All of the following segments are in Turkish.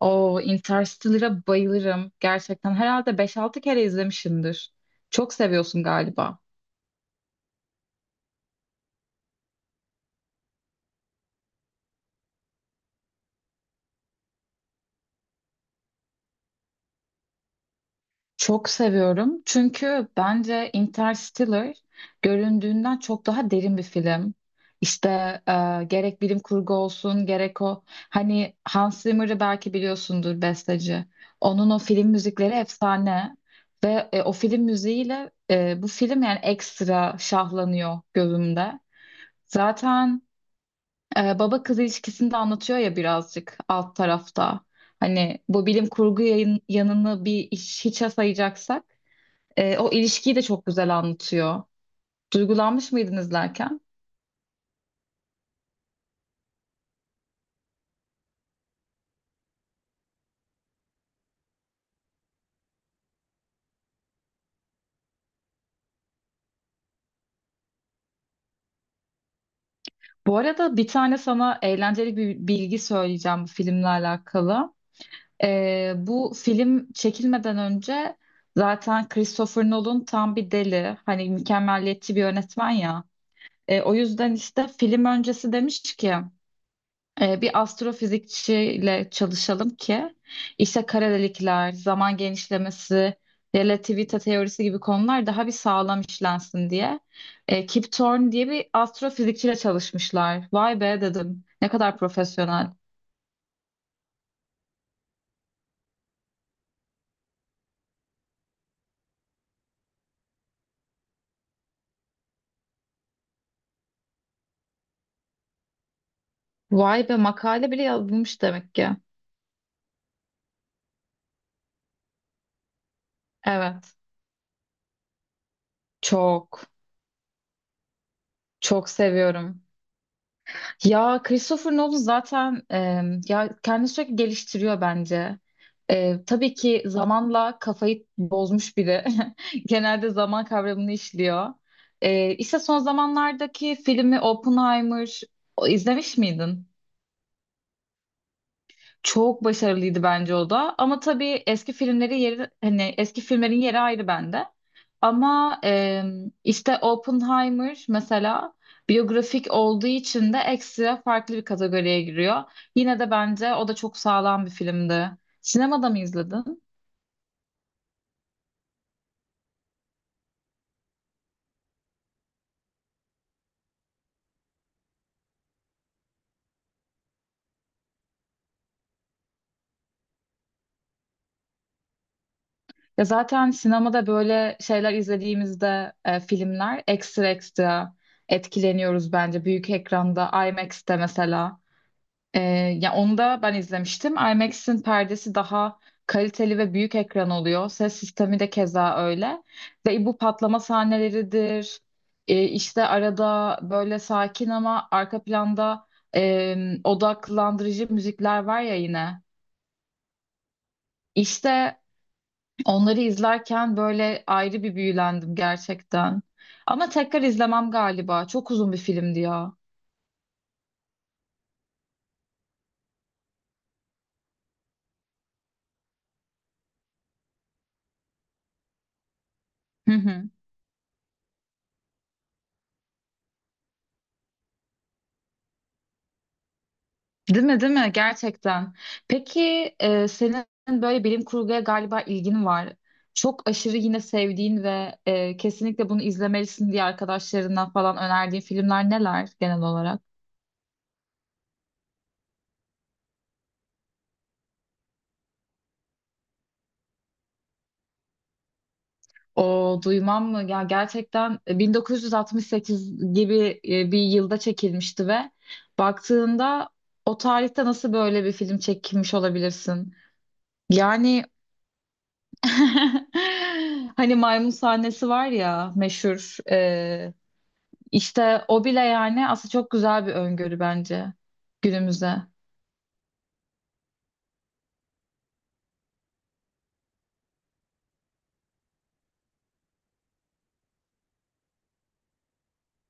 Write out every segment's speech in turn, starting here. O Interstellar'a bayılırım. Gerçekten herhalde beş altı kere izlemişimdir. Çok seviyorsun galiba. Çok seviyorum. Çünkü bence Interstellar göründüğünden çok daha derin bir film. İşte gerek bilim kurgu olsun gerek o hani Hans Zimmer'ı belki biliyorsundur besteci. Onun o film müzikleri efsane ve o film müziğiyle bu film yani ekstra şahlanıyor gözümde. Zaten baba kız ilişkisini de anlatıyor ya birazcık alt tarafta. Hani bu bilim kurgu yayın, yanını bir iş, hiçe sayacaksak o ilişkiyi de çok güzel anlatıyor. Duygulanmış mıydın izlerken? Bu arada bir tane sana eğlenceli bir bilgi söyleyeceğim bu filmle alakalı. Bu film çekilmeden önce zaten Christopher Nolan tam bir deli. Hani mükemmeliyetçi bir yönetmen ya. O yüzden işte film öncesi demiş ki bir astrofizikçiyle çalışalım ki işte kara delikler, zaman genişlemesi, relativite teorisi gibi konular daha bir sağlam işlensin diye. Kip Thorne diye bir astrofizikçiyle çalışmışlar. Vay be dedim. Ne kadar profesyonel. Vay be makale bile yazılmış demek ki. Evet. Çok, çok seviyorum. Ya Christopher Nolan zaten ya kendini sürekli geliştiriyor bence. Tabii ki zamanla kafayı bozmuş biri. Genelde zaman kavramını işliyor. E, işte son zamanlardaki filmi Oppenheimer izlemiş miydin? Çok başarılıydı bence o da. Ama tabii eski filmlerin yeri ayrı bende. Ama işte Oppenheimer mesela biyografik olduğu için de ekstra farklı bir kategoriye giriyor. Yine de bence o da çok sağlam bir filmdi. Sinemada mı izledin? Ya zaten sinemada böyle şeyler izlediğimizde filmler ekstra ekstra etkileniyoruz bence büyük ekranda IMAX'te mesela. Ee, ya onu da ben izlemiştim. IMAX'in perdesi daha kaliteli ve büyük ekran oluyor. Ses sistemi de keza öyle. Ve bu patlama sahneleridir. İşte arada böyle sakin ama arka planda e, odaklandırıcı müzikler var ya yine. İşte onları izlerken böyle ayrı bir büyülendim gerçekten. Ama tekrar izlemem galiba. Çok uzun bir filmdi ya. Hı hı. Değil mi, değil mi? Gerçekten. Peki senin böyle bilim kurguya galiba ilgin var. Çok aşırı yine sevdiğin ve kesinlikle bunu izlemelisin diye arkadaşlarından falan önerdiğin filmler neler genel olarak? O duymam mı? Ya gerçekten 1968 gibi bir yılda çekilmişti ve baktığında o tarihte nasıl böyle bir film çekilmiş olabilirsin? Yani hani maymun sahnesi var ya meşhur. İşte o bile yani aslında çok güzel bir öngörü bence günümüze.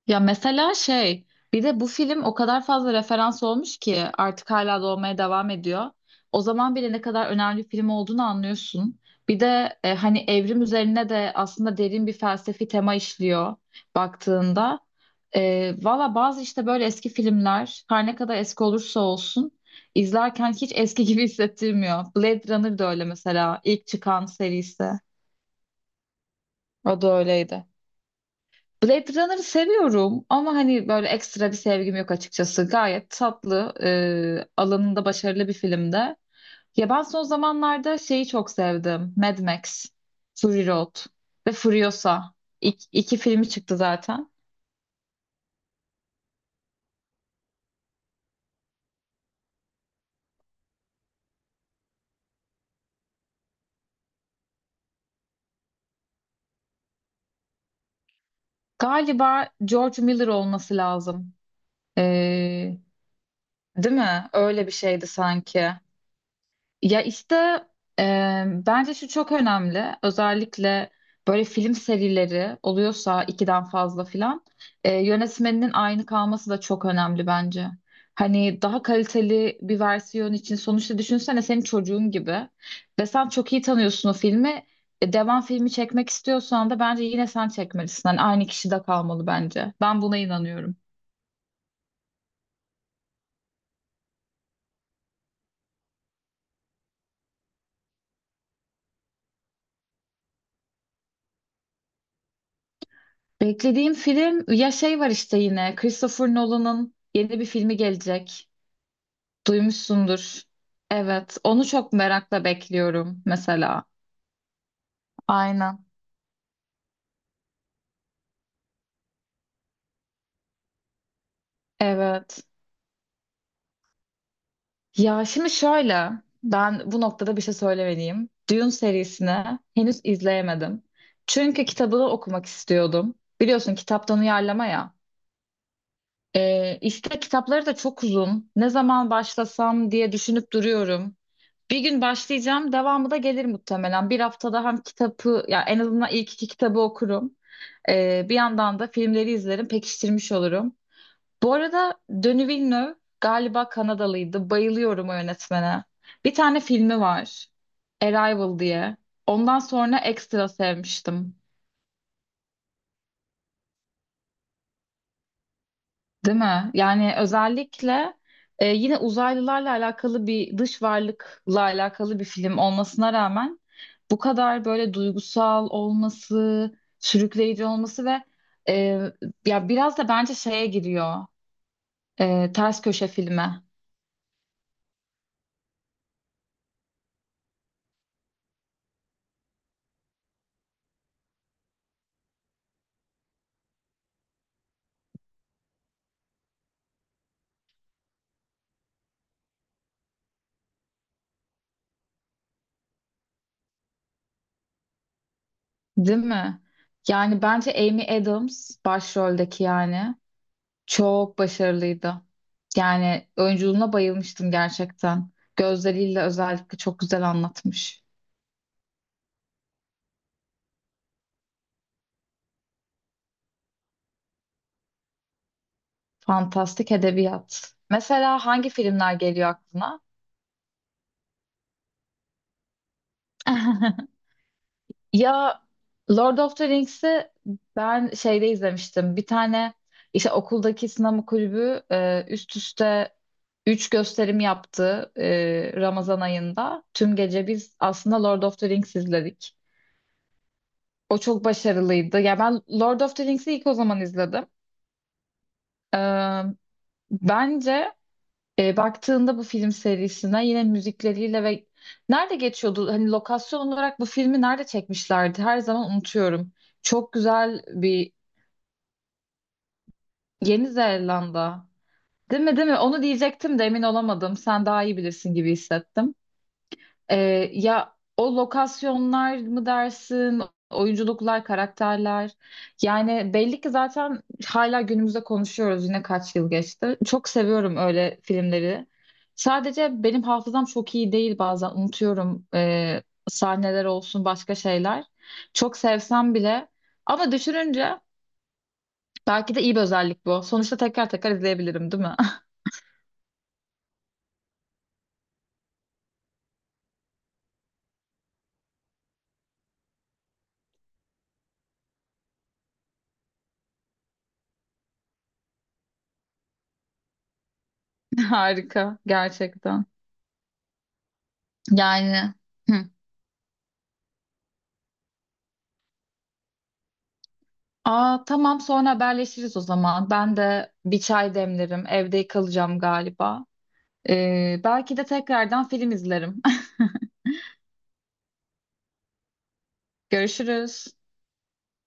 Ya mesela şey bir de bu film o kadar fazla referans olmuş ki artık hala da devam ediyor. O zaman bile ne kadar önemli bir film olduğunu anlıyorsun. Bir de hani evrim üzerine de aslında derin bir felsefi tema işliyor baktığında. Valla bazı işte böyle eski filmler her ne kadar eski olursa olsun izlerken hiç eski gibi hissettirmiyor. Blade Runner da öyle mesela ilk çıkan serisi. O da öyleydi. Blade Runner'ı seviyorum ama hani böyle ekstra bir sevgim yok açıkçası. Gayet tatlı, alanında başarılı bir filmde. Ya ben son zamanlarda şeyi çok sevdim. Mad Max, Fury Road ve Furiosa. İk, iki filmi çıktı zaten. Galiba George Miller olması lazım. E, Değil mi? Öyle bir şeydi sanki. Ya işte bence şu çok önemli. Özellikle böyle film serileri oluyorsa ikiden fazla filan yönetmeninin aynı kalması da çok önemli bence. Hani daha kaliteli bir versiyon için sonuçta düşünsene senin çocuğun gibi ve sen çok iyi tanıyorsun o filmi. Devam filmi çekmek istiyorsan da bence yine sen çekmelisin. Hani aynı kişi de kalmalı bence. Ben buna inanıyorum. Beklediğim film ya şey var işte yine Christopher Nolan'ın yeni bir filmi gelecek. Duymuşsundur. Evet. Onu çok merakla bekliyorum mesela. Aynen. Evet. Ya şimdi şöyle. Ben bu noktada bir şey söylemeliyim. Dune serisini henüz izleyemedim. Çünkü kitabını okumak istiyordum. Biliyorsun kitaptan uyarlama ya. İstek kitapları da çok uzun. Ne zaman başlasam diye düşünüp duruyorum. Bir gün başlayacağım, devamı da gelir muhtemelen. Bir haftada hem kitabı, ya en azından ilk iki kitabı okurum. Bir yandan da filmleri izlerim, pekiştirmiş olurum. Bu arada Denis Villeneuve galiba Kanadalıydı. Bayılıyorum o yönetmene. Bir tane filmi var, Arrival diye. Ondan sonra ekstra sevmiştim. Değil mi? Yani özellikle yine uzaylılarla alakalı bir dış varlıkla alakalı bir film olmasına rağmen bu kadar böyle duygusal olması, sürükleyici olması ve e, ya biraz da bence şeye giriyor ters köşe filme, değil mi? Yani bence Amy Adams başroldeki yani çok başarılıydı. Yani oyunculuğuna bayılmıştım gerçekten. Gözleriyle özellikle çok güzel anlatmış. Fantastik edebiyat. Mesela hangi filmler geliyor aklına? Ya Lord of the Rings'i ben şeyde izlemiştim. Bir tane işte okuldaki sinema kulübü üst üste 3 gösterim yaptı Ramazan ayında. Tüm gece biz aslında Lord of the Rings izledik. O çok başarılıydı. Ya ben Lord of the Rings'i ilk o zaman izledim. E, bence baktığında bu film serisine yine müzikleriyle ve nerede geçiyordu? Hani lokasyon olarak bu filmi nerede çekmişlerdi? Her zaman unutuyorum. Çok güzel bir Yeni Zelanda. Değil mi, değil mi? Onu diyecektim de emin olamadım. Sen daha iyi bilirsin gibi hissettim. Ya o lokasyonlar mı dersin, oyunculuklar, karakterler. Yani belli ki zaten hala günümüzde konuşuyoruz yine kaç yıl geçti. Çok seviyorum öyle filmleri. Sadece benim hafızam çok iyi değil bazen unutuyorum sahneler olsun başka şeyler. Çok sevsem bile ama düşününce belki de iyi bir özellik bu. Sonuçta tekrar tekrar izleyebilirim, değil mi? Harika gerçekten. Yani hı. Aa tamam sonra haberleşiriz o zaman. Ben de bir çay demlerim. Evde kalacağım galiba. Belki de tekrardan film izlerim. Görüşürüz.